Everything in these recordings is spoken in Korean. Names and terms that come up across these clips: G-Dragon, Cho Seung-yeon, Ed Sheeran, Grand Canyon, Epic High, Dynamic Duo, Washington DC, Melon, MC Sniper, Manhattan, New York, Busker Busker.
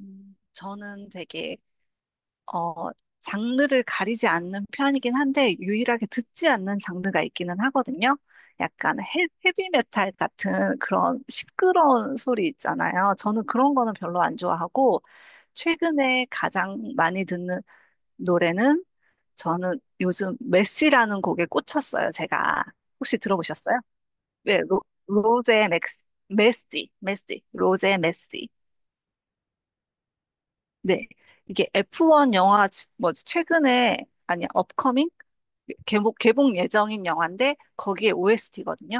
저는 되게, 어, 장르를 가리지 않는 편이긴 한데, 유일하게 듣지 않는 장르가 있기는 하거든요. 약간 헤비메탈 같은 그런 시끄러운 소리 있잖아요. 저는 그런 거는 별로 안 좋아하고, 최근에 가장 많이 듣는 노래는, 저는 요즘 메시라는 곡에 꽂혔어요, 제가. 혹시 들어보셨어요? 네, 로제 맥스, 메시, 메시, 로제 메시. 네. 이게 F1 영화, 뭐지, 최근에, 아니, 업커밍? 개봉 예정인 영화인데, 거기에 OST거든요.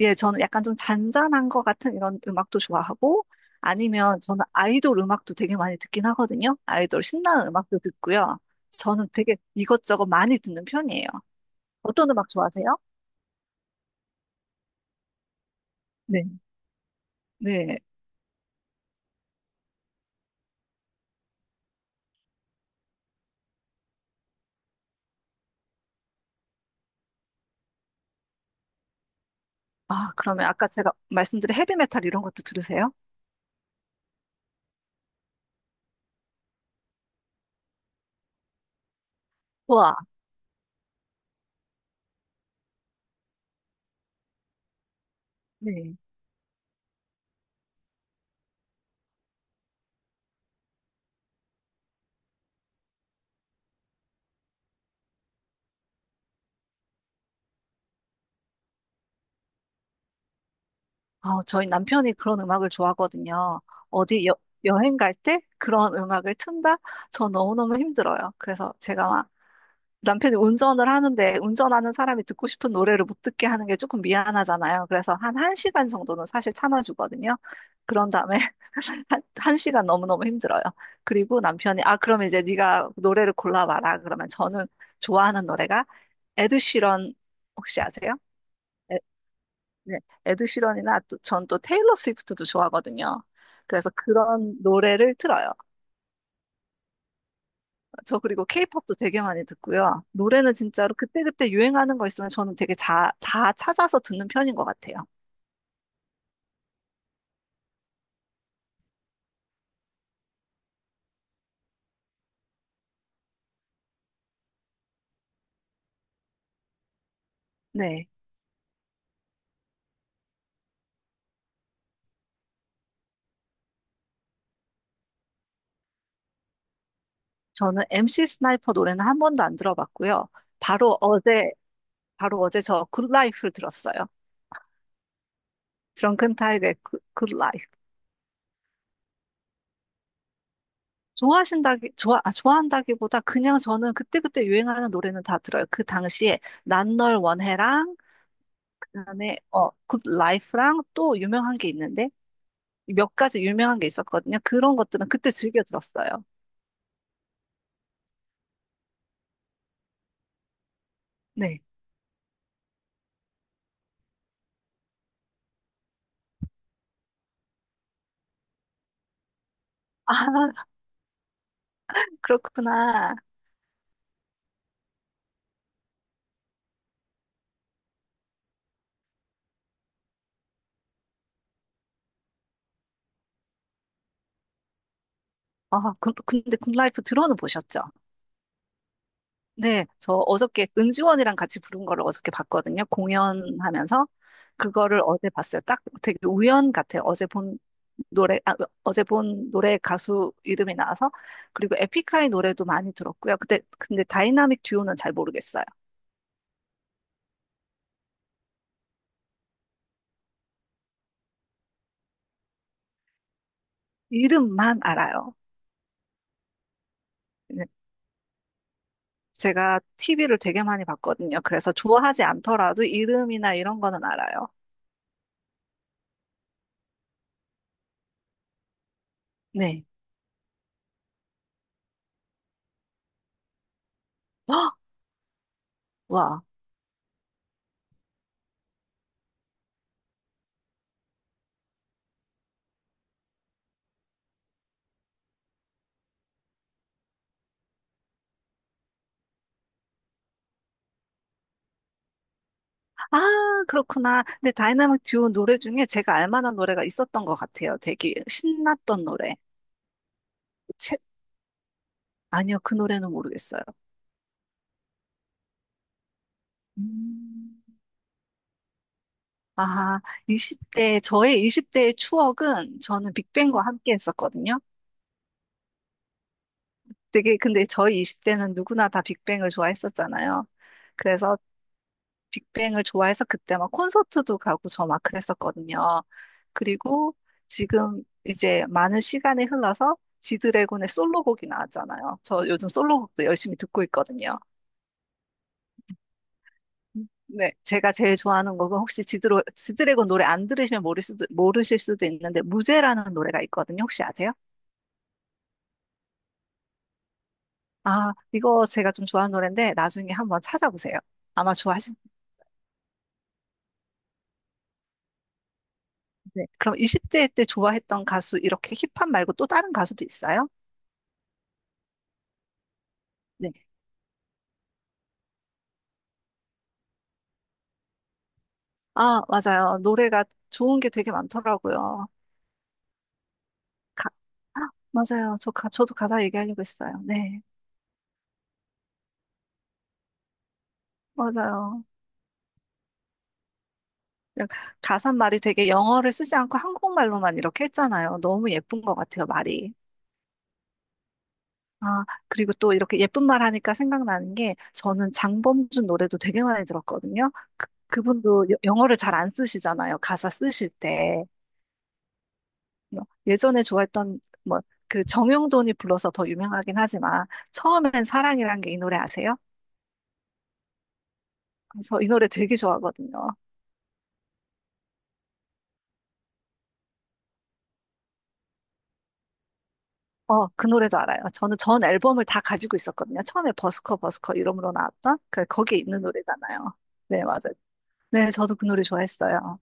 예, 저는 약간 좀 잔잔한 것 같은 이런 음악도 좋아하고, 아니면 저는 아이돌 음악도 되게 많이 듣긴 하거든요. 아이돌 신나는 음악도 듣고요. 저는 되게 이것저것 많이 듣는 편이에요. 어떤 음악 좋아하세요? 네. 네. 아, 그러면 아까 제가 말씀드린 헤비메탈 이런 것도 들으세요? 와, 네. 저희 남편이 그런 음악을 좋아하거든요. 어디 여행 갈 때 그런 음악을 튼다? 저 너무너무 힘들어요. 그래서 제가 막 남편이 운전을 하는데 운전하는 사람이 듣고 싶은 노래를 못 듣게 하는 게 조금 미안하잖아요. 그래서 한 1시간 정도는 사실 참아주거든요. 그런 다음에 한 시간 너무너무 힘들어요. 그리고 남편이 아 그럼 이제 네가 노래를 골라봐라. 그러면 저는 좋아하는 노래가 에드 시런 혹시 아세요? 네, 에드시런이나 또, 전 또 테일러 스위프트도 좋아하거든요. 그래서 그런 노래를 틀어요. 저 그리고 케이팝도 되게 많이 듣고요. 노래는 진짜로 그때그때 유행하는 거 있으면 저는 되게 다 찾아서 듣는 편인 것 같아요. 네. 저는 MC 스나이퍼 노래는 한 번도 안 들어봤고요. 바로 어제, 바로 어제 저 굿라이프를 들었어요. 드렁큰 타이거의 굿라이프. 좋아한다기보다 그냥 저는 그때그때 유행하는 노래는 다 들어요. 그 당시에 난 널 원해랑 그다음에 굿라이프랑 또 유명한 게 있는데 몇 가지 유명한 게 있었거든요. 그런 것들은 그때 즐겨 들었어요. 네. 아, 그렇구나. 아, 근데 굿라이프 들어는 보셨죠? 네, 저 어저께 은지원이랑 같이 부른 거를 어저께 봤거든요. 공연하면서 그거를 어제 봤어요. 딱 되게 우연 같아요. 노래, 아, 어제 본 노래 가수 이름이 나와서 그리고 에픽하이 노래도 많이 들었고요. 그때 근데 다이나믹 듀오는 잘 모르겠어요. 이름만 알아요. 네. 제가 TV를 되게 많이 봤거든요. 그래서 좋아하지 않더라도 이름이나 이런 거는 알아요. 네. 헉! 와. 아, 그렇구나. 근데 다이나믹 듀오 노래 중에 제가 알 만한 노래가 있었던 것 같아요. 되게 신났던 노래. 채... 아니요, 그 노래는 모르겠어요. 음. 아, 20대, 저의 20대의 추억은 저는 빅뱅과 함께 했었거든요. 되게, 근데 저희 20대는 누구나 다 빅뱅을 좋아했었잖아요. 그래서 빅뱅을 좋아해서 그때 막 콘서트도 가고 저 막 그랬었거든요. 그리고 지금 이제 많은 시간이 흘러서 지드래곤의 솔로곡이 나왔잖아요. 저 요즘 솔로곡도 열심히 듣고 있거든요. 네, 제가 제일 좋아하는 곡은 혹시 지드래곤 노래 안 들으시면 모를 수도, 모르실 수도 있는데 무제라는 노래가 있거든요. 혹시 아세요? 아, 이거 제가 좀 좋아하는 노래인데 나중에 한번 찾아보세요. 아마 좋아하실 텐데. 그럼 20대 때 좋아했던 가수 이렇게 힙합 말고 또 다른 가수도 있어요? 네. 아, 맞아요. 노래가 좋은 게 되게 많더라고요. 가, 맞아요. 저 저도 가사 얘기하려고 했어요. 네. 맞아요. 그냥 가사 말이 되게 영어를 쓰지 않고 한국말로만 이렇게 했잖아요. 너무 예쁜 것 같아요, 말이. 아, 그리고 또 이렇게 예쁜 말 하니까 생각나는 게 저는 장범준 노래도 되게 많이 들었거든요. 그, 그분도 영어를 잘 안 쓰시잖아요. 가사 쓰실 때. 뭐, 예전에 좋아했던 뭐 그 정용돈이 불러서 더 유명하긴 하지만 처음엔 사랑이란 게 이 노래 아세요? 저 이 노래 되게 좋아하거든요. 어, 그 노래도 알아요. 저는 전 앨범을 다 가지고 있었거든요. 처음에 버스커 버스커 이름으로 나왔던 그 거기에 있는 노래잖아요. 네, 맞아요. 네, 저도 그 노래 좋아했어요.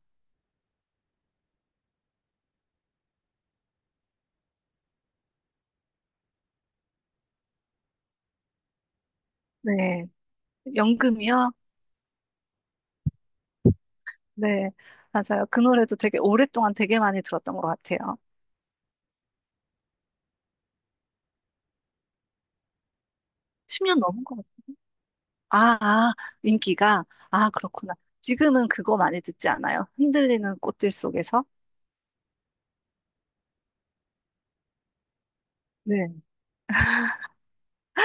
네, 연금이요? 네, 맞아요. 그 노래도 되게 오랫동안 되게 많이 들었던 것 같아요. 10년 넘은 것 같아요. 아, 아, 인기가. 아, 그렇구나. 지금은 그거 많이 듣지 않아요? 흔들리는 꽃들 속에서? 네.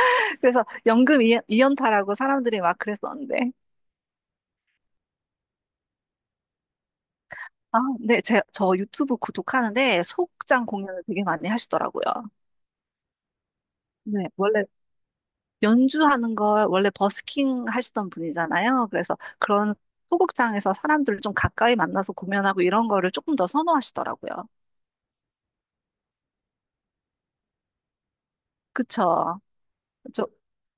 그래서 연금 이연타라고 사람들이 막 그랬었는데. 아, 네, 제, 저 유튜브 구독하는데 소극장 공연을 되게 많이 하시더라고요. 네, 원래 연주하는 걸 원래 버스킹 하시던 분이잖아요. 그래서 그런 소극장에서 사람들을 좀 가까이 만나서 공연하고 이런 거를 조금 더 선호하시더라고요. 그쵸? 저,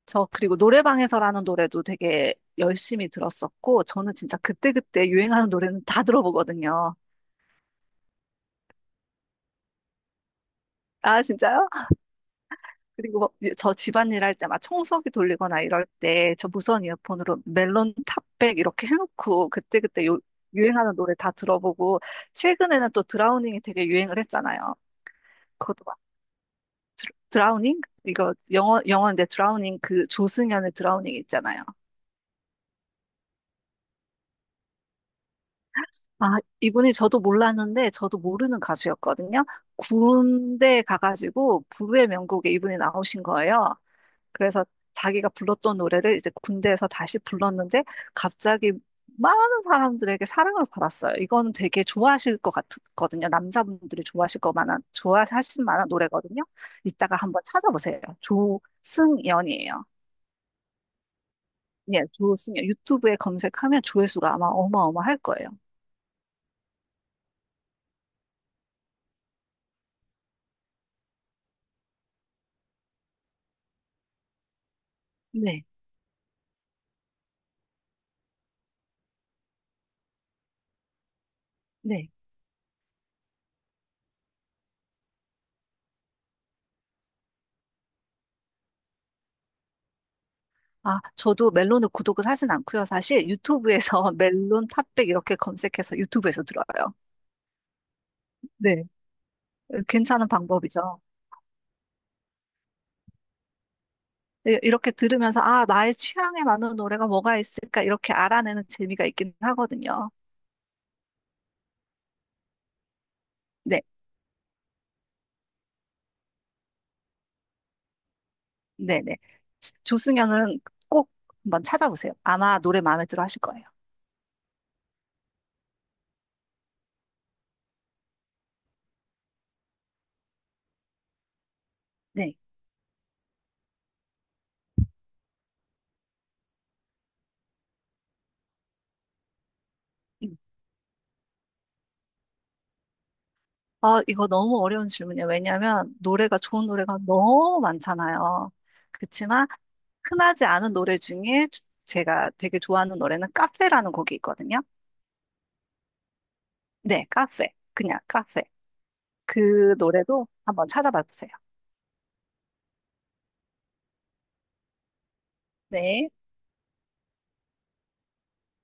저 그리고 노래방에서라는 노래도 되게 열심히 들었었고 저는 진짜 그때그때 유행하는 노래는 다 들어보거든요. 아, 진짜요? 그리고 뭐 저 집안일 할 때 막 청소기 돌리거나 이럴 때 저 무선 이어폰으로 멜론 탑백 이렇게 해놓고 그때그때 유행하는 노래 다 들어보고 최근에는 또 드라우닝이 되게 유행을 했잖아요. 그것도 막 드라우닝? 이거 영어인데 드라우닝 그 조승연의 드라우닝 있잖아요. 아, 이분이 저도 몰랐는데 저도 모르는 가수였거든요. 군대 가가지고 부의 명곡에 이분이 나오신 거예요. 그래서 자기가 불렀던 노래를 이제 군대에서 다시 불렀는데 갑자기 많은 사람들에게 사랑을 받았어요. 이거는 되게 좋아하실 것 같거든요. 남자분들이 좋아하실 만한 노래거든요. 이따가 한번 찾아보세요. 조승연이에요. 예, 조승연. 유튜브에 검색하면 조회수가 아마 어마어마할 거예요. 네, 네. 아, 저도 멜론을 구독을 하진 않고요. 사실 유튜브에서 멜론 탑백 이렇게 검색해서 유튜브에서 들어요. 네, 괜찮은 방법이죠. 이렇게 들으면서 아, 나의 취향에 맞는 노래가 뭐가 있을까 이렇게 알아내는 재미가 있긴 하거든요. 네, 네, 네. 조승연은 꼭 한번 찾아보세요. 아마 노래 마음에 들어 하실 거예요. 네. 음. 어, 이거 너무 어려운 질문이에요. 왜냐하면 노래가 좋은 노래가 너무 많잖아요. 그렇지만 흔하지 않은 노래 중에 제가 되게 좋아하는 노래는 카페라는 곡이 있거든요. 네, 카페. 그냥 카페. 그 노래도 한번 찾아봐 보세요. 네.